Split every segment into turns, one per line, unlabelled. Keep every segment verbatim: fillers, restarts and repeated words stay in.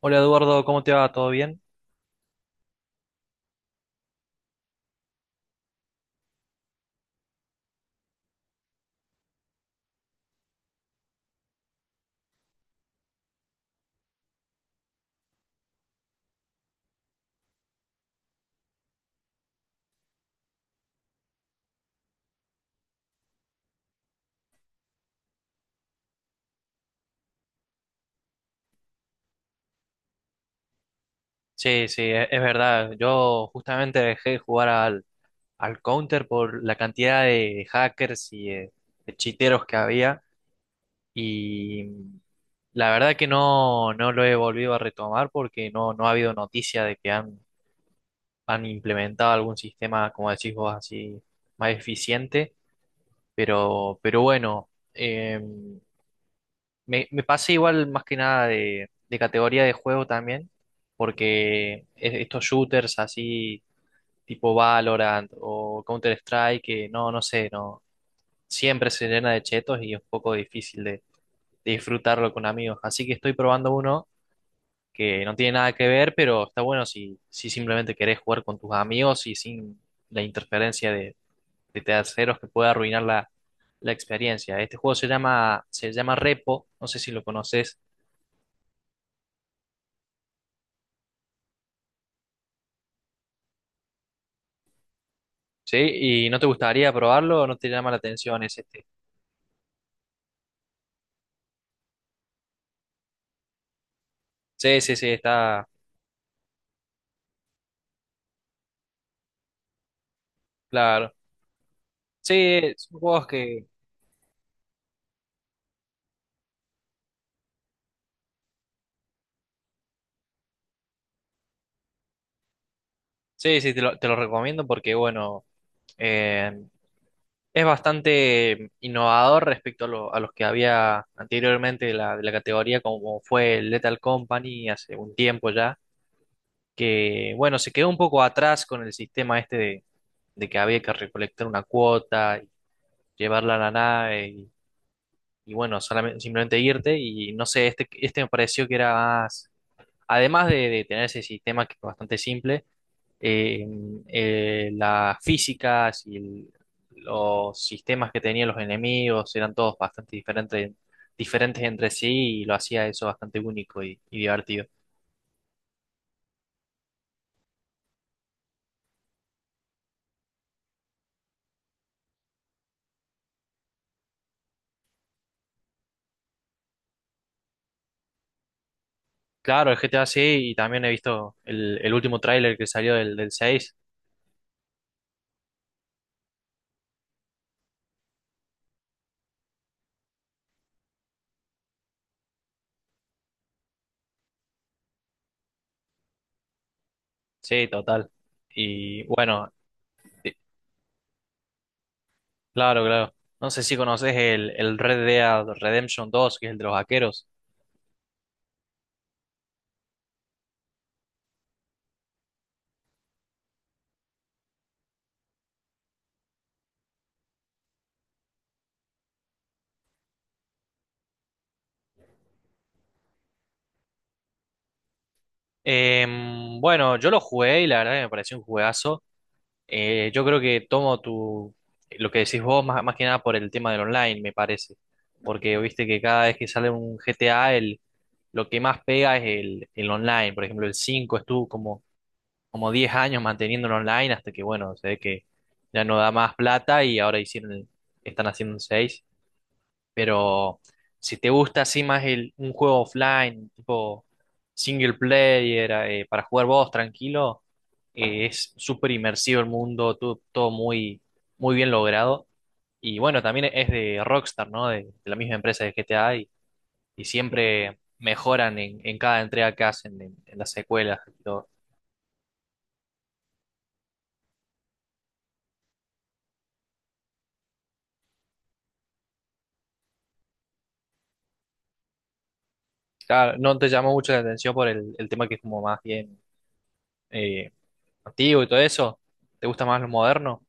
Hola Eduardo, ¿cómo te va? ¿Todo bien? Sí, sí, e- es verdad. Yo justamente dejé de jugar al, al Counter por la cantidad de hackers y de, de chiteros que había. Y la verdad que no, no lo he volvido a retomar porque no, no ha habido noticia de que han, han implementado algún sistema, como decís vos, así más eficiente, pero, pero bueno, eh, me, me pasé igual más que nada de, de categoría de juego también, porque e- estos shooters así tipo Valorant o Counter-Strike, que no, no sé, no, siempre se llena de chetos y es un poco difícil de, de disfrutarlo con amigos, así que estoy probando uno que no tiene nada que ver, pero está bueno si, si simplemente querés jugar con tus amigos y sin la interferencia de, de terceros que puede arruinar la, la experiencia. Este juego se llama, se llama Repo, no sé si lo conoces. ¿Sí? ¿Y no te gustaría probarlo o no te llama la atención ese? ¿Este? Sí, sí, sí, está claro. Sí, son juegos que... Sí, sí, te lo, te lo recomiendo porque, bueno, eh, es bastante innovador respecto a, lo- a los que había anteriormente de la, de la categoría, como fue el Lethal Company hace un tiempo ya, que bueno, se quedó un poco atrás con el sistema este de que había que recolectar una cuota, y llevarla a la nave y, y bueno, solamente, simplemente irte y no sé, este, este me pareció que era más, además de, de tener ese sistema que es bastante simple, eh, eh, las físicas y el- los sistemas que tenían los enemigos eran todos bastante diferentes, diferentes entre sí y lo hacía eso bastante único y, y divertido. Claro, el G T A sí, y también he visto el, el último tráiler que salió del, del seis. Sí, total. Y bueno, claro, claro. No sé si conoces el, el Red Dead Redemption dos, que es el de los vaqueros. Em, bueno, yo lo jugué y la verdad que me pareció un juegazo. Eh, yo creo que tomo tu, lo que decís vos más, más que nada por el tema del online, me parece. Porque viste que cada vez que sale un G T A, el, lo que más pega es el, el online. Por ejemplo, el cinco estuvo como, como diez años manteniendo el online hasta que, bueno, se ve que ya no da más plata y ahora hicieron, el- están haciendo un seis. Pero si te gusta así más el, un juego offline, tipo single player, eh, para jugar vos tranquilo, eh, es súper inmersivo el mundo, todo, todo muy, muy bien logrado. Y bueno, también es de Rockstar, ¿no? De, de la misma empresa de G T A y, y siempre mejoran en, en cada entrega que hacen, en, en las secuelas y todo. Claro, no te llamó mucho la atención por el, el tema que es como más bien eh, antiguo y todo eso. ¿Te gusta más lo moderno?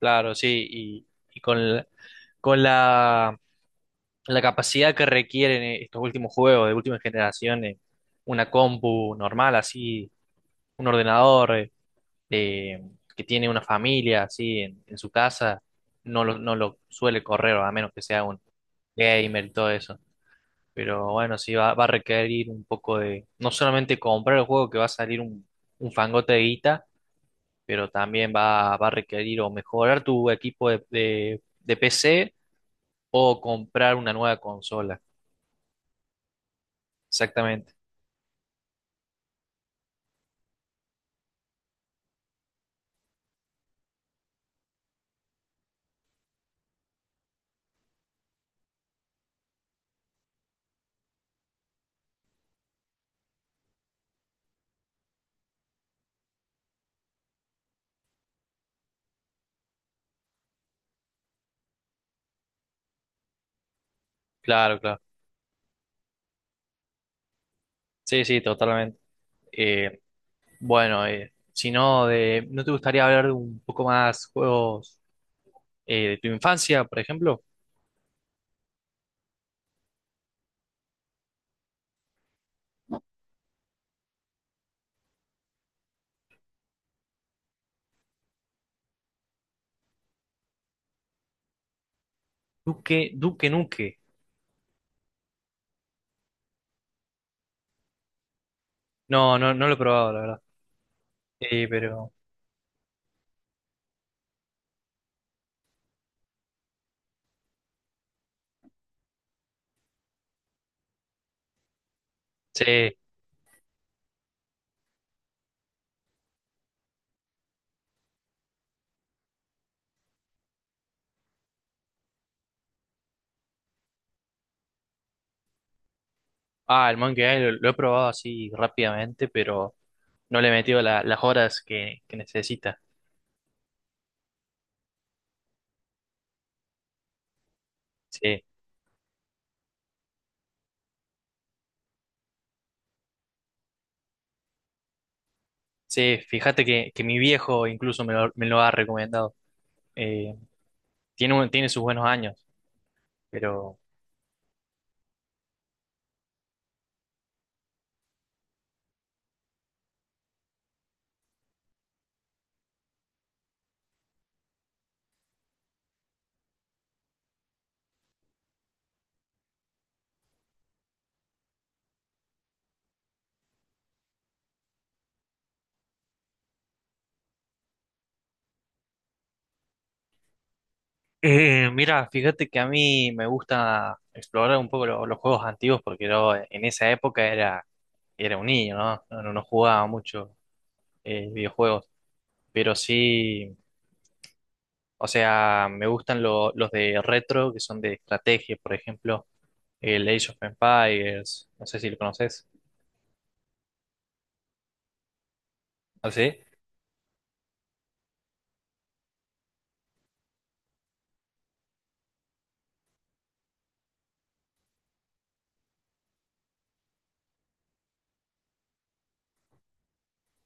Claro, sí. Y, y con, el- con la, la capacidad que requieren eh, estos últimos juegos de última generación, eh, una compu normal, así, un ordenador eh, eh, que tiene una familia así en, en su casa, no lo, no lo suele correr, a menos que sea un gamer y todo eso. Pero bueno, sí va, va a requerir un poco de, no solamente comprar el juego que va a salir un, un fangote de guita, pero también va, va a requerir o mejorar tu equipo de de- de P C o comprar una nueva consola. Exactamente, claro, claro. Sí, sí, totalmente. Eh, bueno, eh, si no, de, ¿no te gustaría hablar de un poco más juegos eh, de tu infancia, por ejemplo? Duque, Duque Nuque. No, no, no lo he probado, la verdad. Eh, pero sí. Ah, el Monkey Island lo, lo he probado así rápidamente, pero no le he metido la- las horas que, que necesita. Sí, sí, fíjate que, que mi viejo incluso me lo, me lo ha recomendado. Eh, tiene, un- tiene sus buenos años. Pero eh, mira, fíjate que a mí me gusta explorar un poco lo- los juegos antiguos porque yo en esa época era, era un niño, ¿no? No, no- no jugaba mucho eh, videojuegos, pero sí, o sea, me gustan lo- los de retro que son de estrategia, por ejemplo, el Age of Empires, no sé si lo conoces. ¿Ah, sí?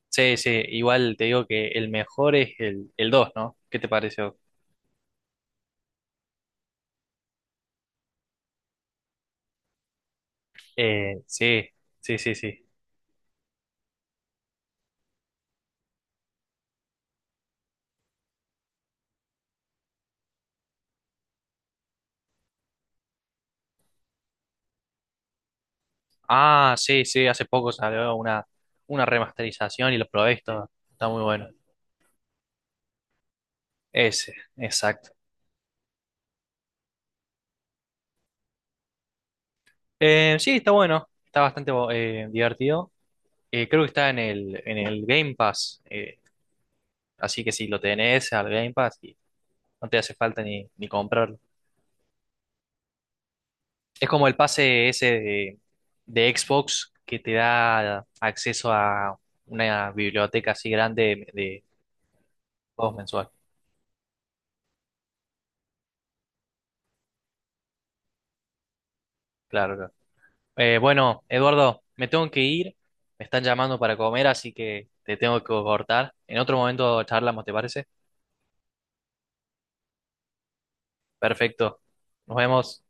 Sí, sí, igual te digo que el mejor es el, el dos, ¿no? ¿Qué te pareció? Eh, sí, sí, sí, sí. Ah, sí, sí, hace poco salió una, una remasterización y lo probé, está, está muy bueno. Ese, exacto. Eh, sí, está bueno, está bastante bo- eh, divertido. Eh, creo que está en el, en el Game Pass, eh, así que si lo tenés al Game Pass, y no te hace falta ni, ni comprarlo. Es como el pase ese de, de Xbox que te da acceso a una biblioteca así grande de, de juegos mensuales. Claro, claro. Eh, bueno, Eduardo, me tengo que ir, me están llamando para comer, así que te tengo que cortar. En otro momento charlamos, ¿te parece? Perfecto. Nos vemos.